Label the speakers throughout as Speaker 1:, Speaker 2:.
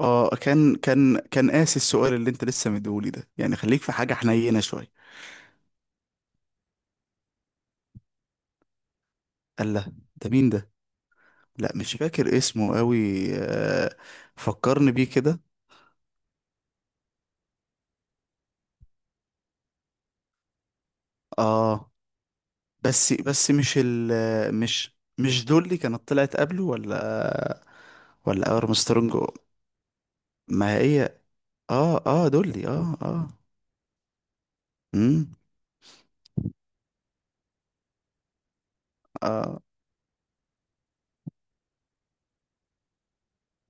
Speaker 1: اه كان قاسي السؤال اللي انت لسه مديهولي ده، يعني خليك في حاجة حنينة شوية. قال لا ده مين ده؟ لا، مش فاكر اسمه قوي. آه، فكرني بيه كده. اه، بس مش دول اللي كانت طلعت قبله، ولا؟ ولا ارمسترونج؟ ما هي. اه اه، دولي، اه اه. امم اه،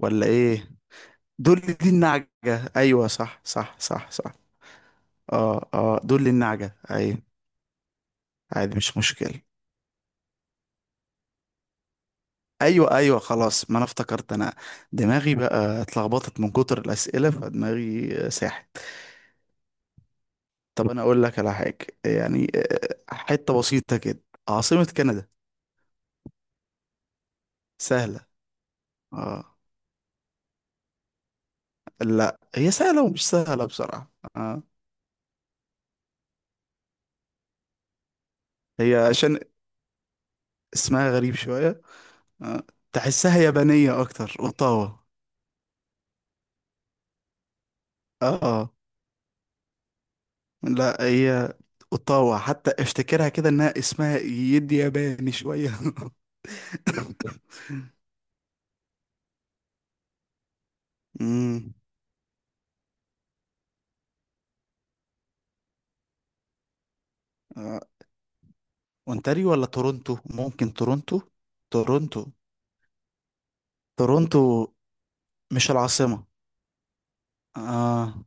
Speaker 1: ولا ايه؟ دولي دي النعجة. ايوه صح صح صح صح. اه اه دولي النعجة، ايوه. عادي مش مشكلة. ايوه ايوه خلاص، ما انا افتكرت انا. دماغي بقى اتلخبطت من كتر الاسئله، فدماغي ساحت. طب انا اقول لك على حاجه يعني. حته بسيطه كده. عاصمه كندا؟ سهله. اه لا، هي سهله ومش سهله بصراحه، اه. هي عشان اسمها غريب شويه. آه. تحسها يابانيه اكتر، اوتاوا. اه لا هي. اوتاوا، حتى افتكرها كده انها اسمها يدي ياباني شويه. امم. اونتاريو ولا تورونتو؟ ممكن تورونتو. تورونتو تورونتو مش العاصمة؟ آه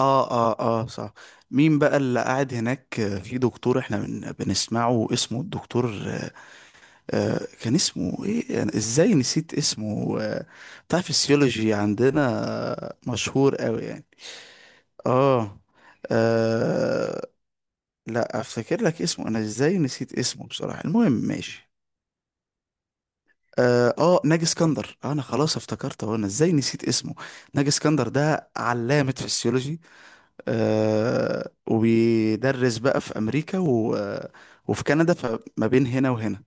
Speaker 1: آه آه آه صح. مين بقى اللي قاعد هناك؟ في دكتور احنا بنسمعه، اسمه الدكتور كان اسمه ايه؟ أنا ازاي نسيت اسمه بتاع فيسيولوجي عندنا. مشهور قوي يعني. آه. آه. لا، افتكر لك اسمه، انا ازاي نسيت اسمه بصراحة. المهم ماشي. اه، ناجي اسكندر، انا خلاص افتكرت، هو انا ازاي نسيت اسمه. ناجي اسكندر ده علامة فسيولوجي. وبيدرس بقى في امريكا و... آه، وفي كندا، فما بين هنا وهنا.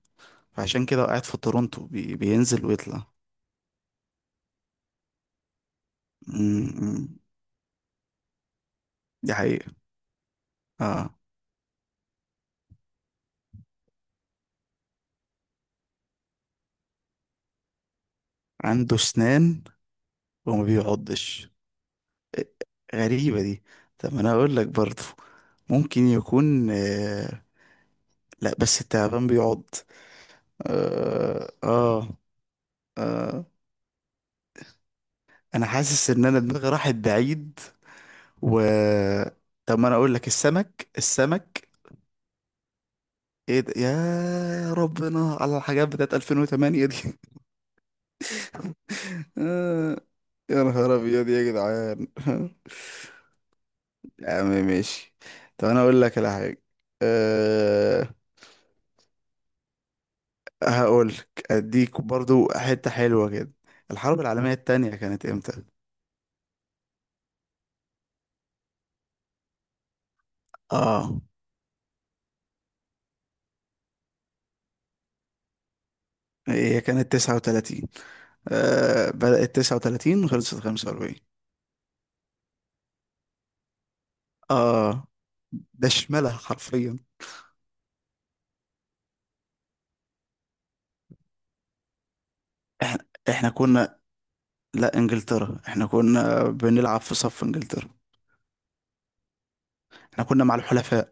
Speaker 1: فعشان كده قاعد في تورونتو، بينزل ويطلع. امم. دي حقيقة. اه، عنده اسنان وما بيعضش. آه. غريبة دي. طب ما انا اقول لك برضه، ممكن يكون لا بس التعبان بيعض. اه اه. آه. انا حاسس ان انا دماغي راحت بعيد، و... طب ما انا اقول لك، السمك السمك. ايه ده يا ربنا، على الحاجات بتاعت 2008 دي. آه، يا نهار ابيض يا جدعان. يا عم ماشي. طب انا اقول لك على حاجه. أه... هقول لك اديك برضو حته حلوه كده. الحرب العالميه التانية كانت امتى؟ اه، هي كانت 39. بدأت 39 وخلصت 45. اه، ده شمالها حرفيا. احنا احنا كنا. لا، انجلترا، احنا كنا بنلعب في صف انجلترا. احنا كنا مع الحلفاء.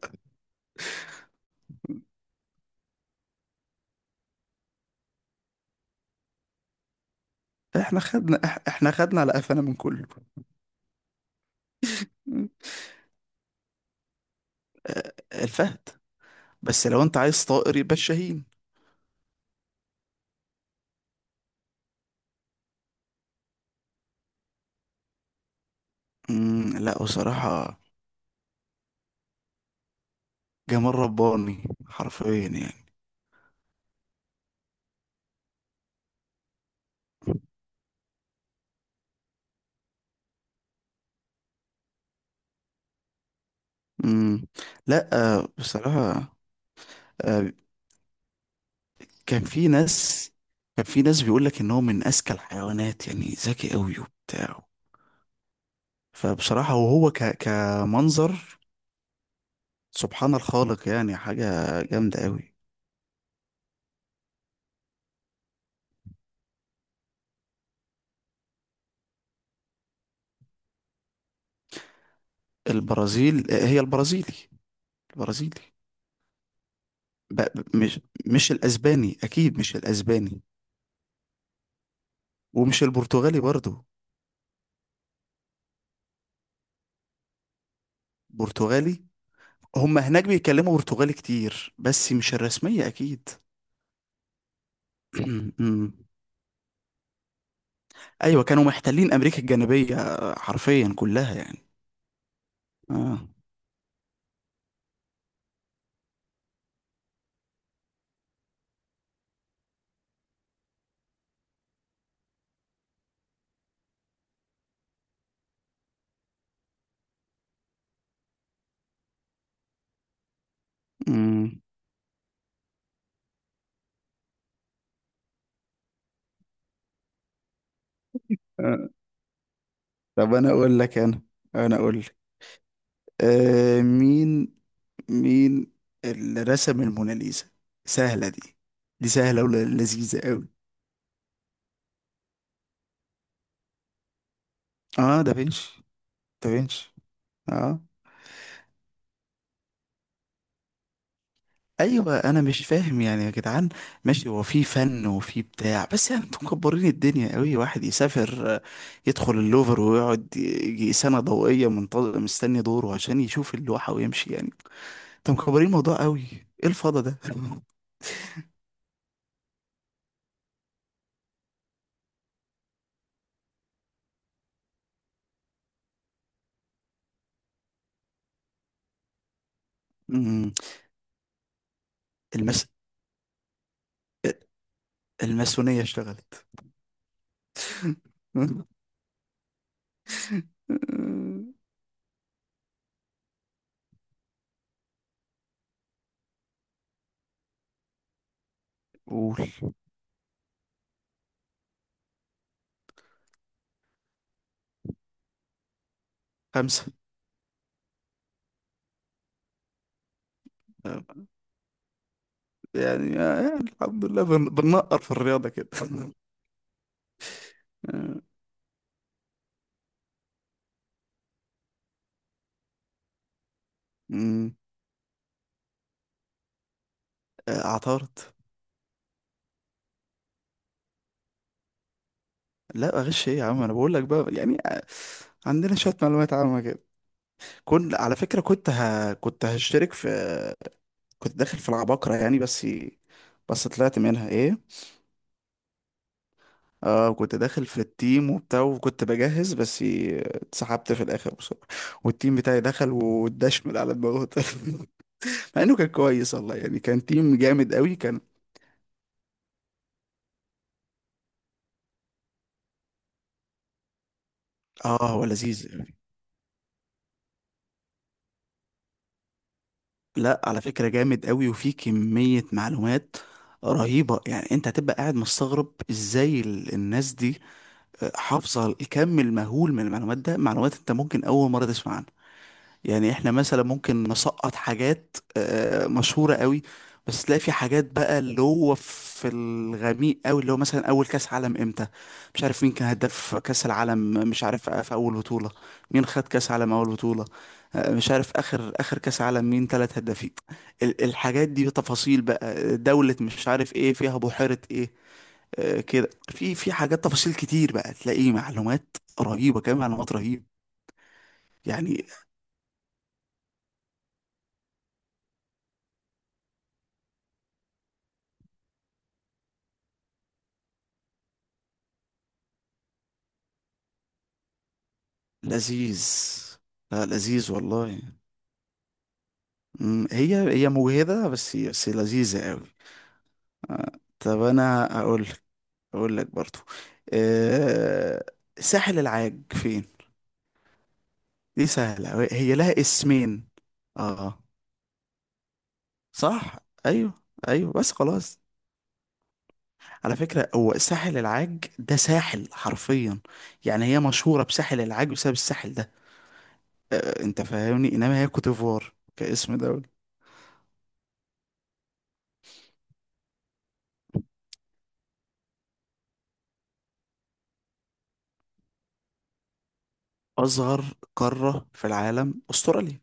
Speaker 1: احنا خدنا على قفانا من كله. م. الفهد. بس لو انت عايز طائر يبقى الشاهين. مم، لا بصراحة. جمال رباني حرفيا يعني. مم. لا. بصراحة. آه. كان في ناس. كان في ناس بيقول لك ان هو من اذكى الحيوانات، يعني ذكي قوي وبتاع. فبصراحة، وهو كمنظر. سبحان الخالق، يعني حاجة جامدة قوي. البرازيل هي البرازيلي. البرازيلي. ب... مش مش الأسباني أكيد، مش الأسباني. ومش البرتغالي برضو. برتغالي. هم هناك بيتكلموا برتغالي كتير، بس مش الرسمية أكيد. أمم. أيوة، كانوا محتلين أمريكا الجنوبية حرفيا كلها يعني. آه. أمم. آه. طب أنا أقول لك أنا. أنا أقول لك. مين. مين اللي رسم الموناليزا؟ سهلة دي. دي سهلة ولذيذة قوي. اه دافنشي. دافنشي. اه. ايوه، انا مش فاهم يعني يا جدعان. ماشي، هو في فن وفي بتاع، بس يعني انتوا مكبرين الدنيا قوي. واحد يسافر، يدخل اللوفر ويقعد يجي سنة ضوئية منتظر مستني دوره عشان يشوف اللوحة ويمشي يعني. انتوا مكبرين الموضوع قوي. ايه الفضا ده؟ مم، المس الماسونية اشتغلت. قول. خمسة. يعني, الحمد لله، بننقر في الرياضة كده. آه. أمم. اعترض. لا، اغش ايه يا عم، انا بقول لك بقى يعني. عندنا شوية معلومات عامة كده. كنت على فكرة، كنت كنت هشترك في. كنت داخل في العباقرة يعني، بس. بس طلعت منها ايه. اه، كنت داخل في التيم وبتاع وكنت بجهز، بس اتسحبت في الاخر بصراحة. والتيم بتاعي دخل واتدشمل على دماغه. مع انه كان كويس والله يعني، كان تيم جامد قوي كان. اه هو لذيذ. لا على فكرة جامد قوي، وفي كمية معلومات رهيبة يعني. انت هتبقى قاعد مستغرب ازاي الناس دي حافظة الكم المهول من المعلومات. ده معلومات انت ممكن اول مرة تسمع عنها. يعني احنا مثلا ممكن نسقط حاجات مشهورة قوي، بس تلاقي في حاجات بقى اللي هو في الغميق قوي، اللي هو مثلا اول كاس عالم امتى، مش عارف مين كان هداف كاس العالم، مش عارف في اول بطولة مين خد كاس عالم اول بطولة. مش عارف اخر كاس عالم مين ثلاث هدافين. الحاجات دي تفاصيل بقى، دولة مش عارف ايه فيها، بحيرة ايه. كده، في حاجات تفاصيل كتير بقى، تلاقي معلومات رهيبة، كمان معلومات رهيبة يعني. لذيذ. لا لذيذ والله. مم، هي مجهدة، بس لذيذة قوي. آه. طب انا اقول لك. اقول لك برضو. أه ساحل العاج فين؟ دي سهلة، هي لها اسمين. اه، صح. ايوه ايوه. بس خلاص، على فكرة هو ساحل العاج ده ساحل حرفيا. يعني هي مشهورة بساحل العاج بسبب الساحل ده. أه، انت فاهمني، انما هي كوت ديفوار كاسم دولة. أصغر قارة في العالم أستراليا.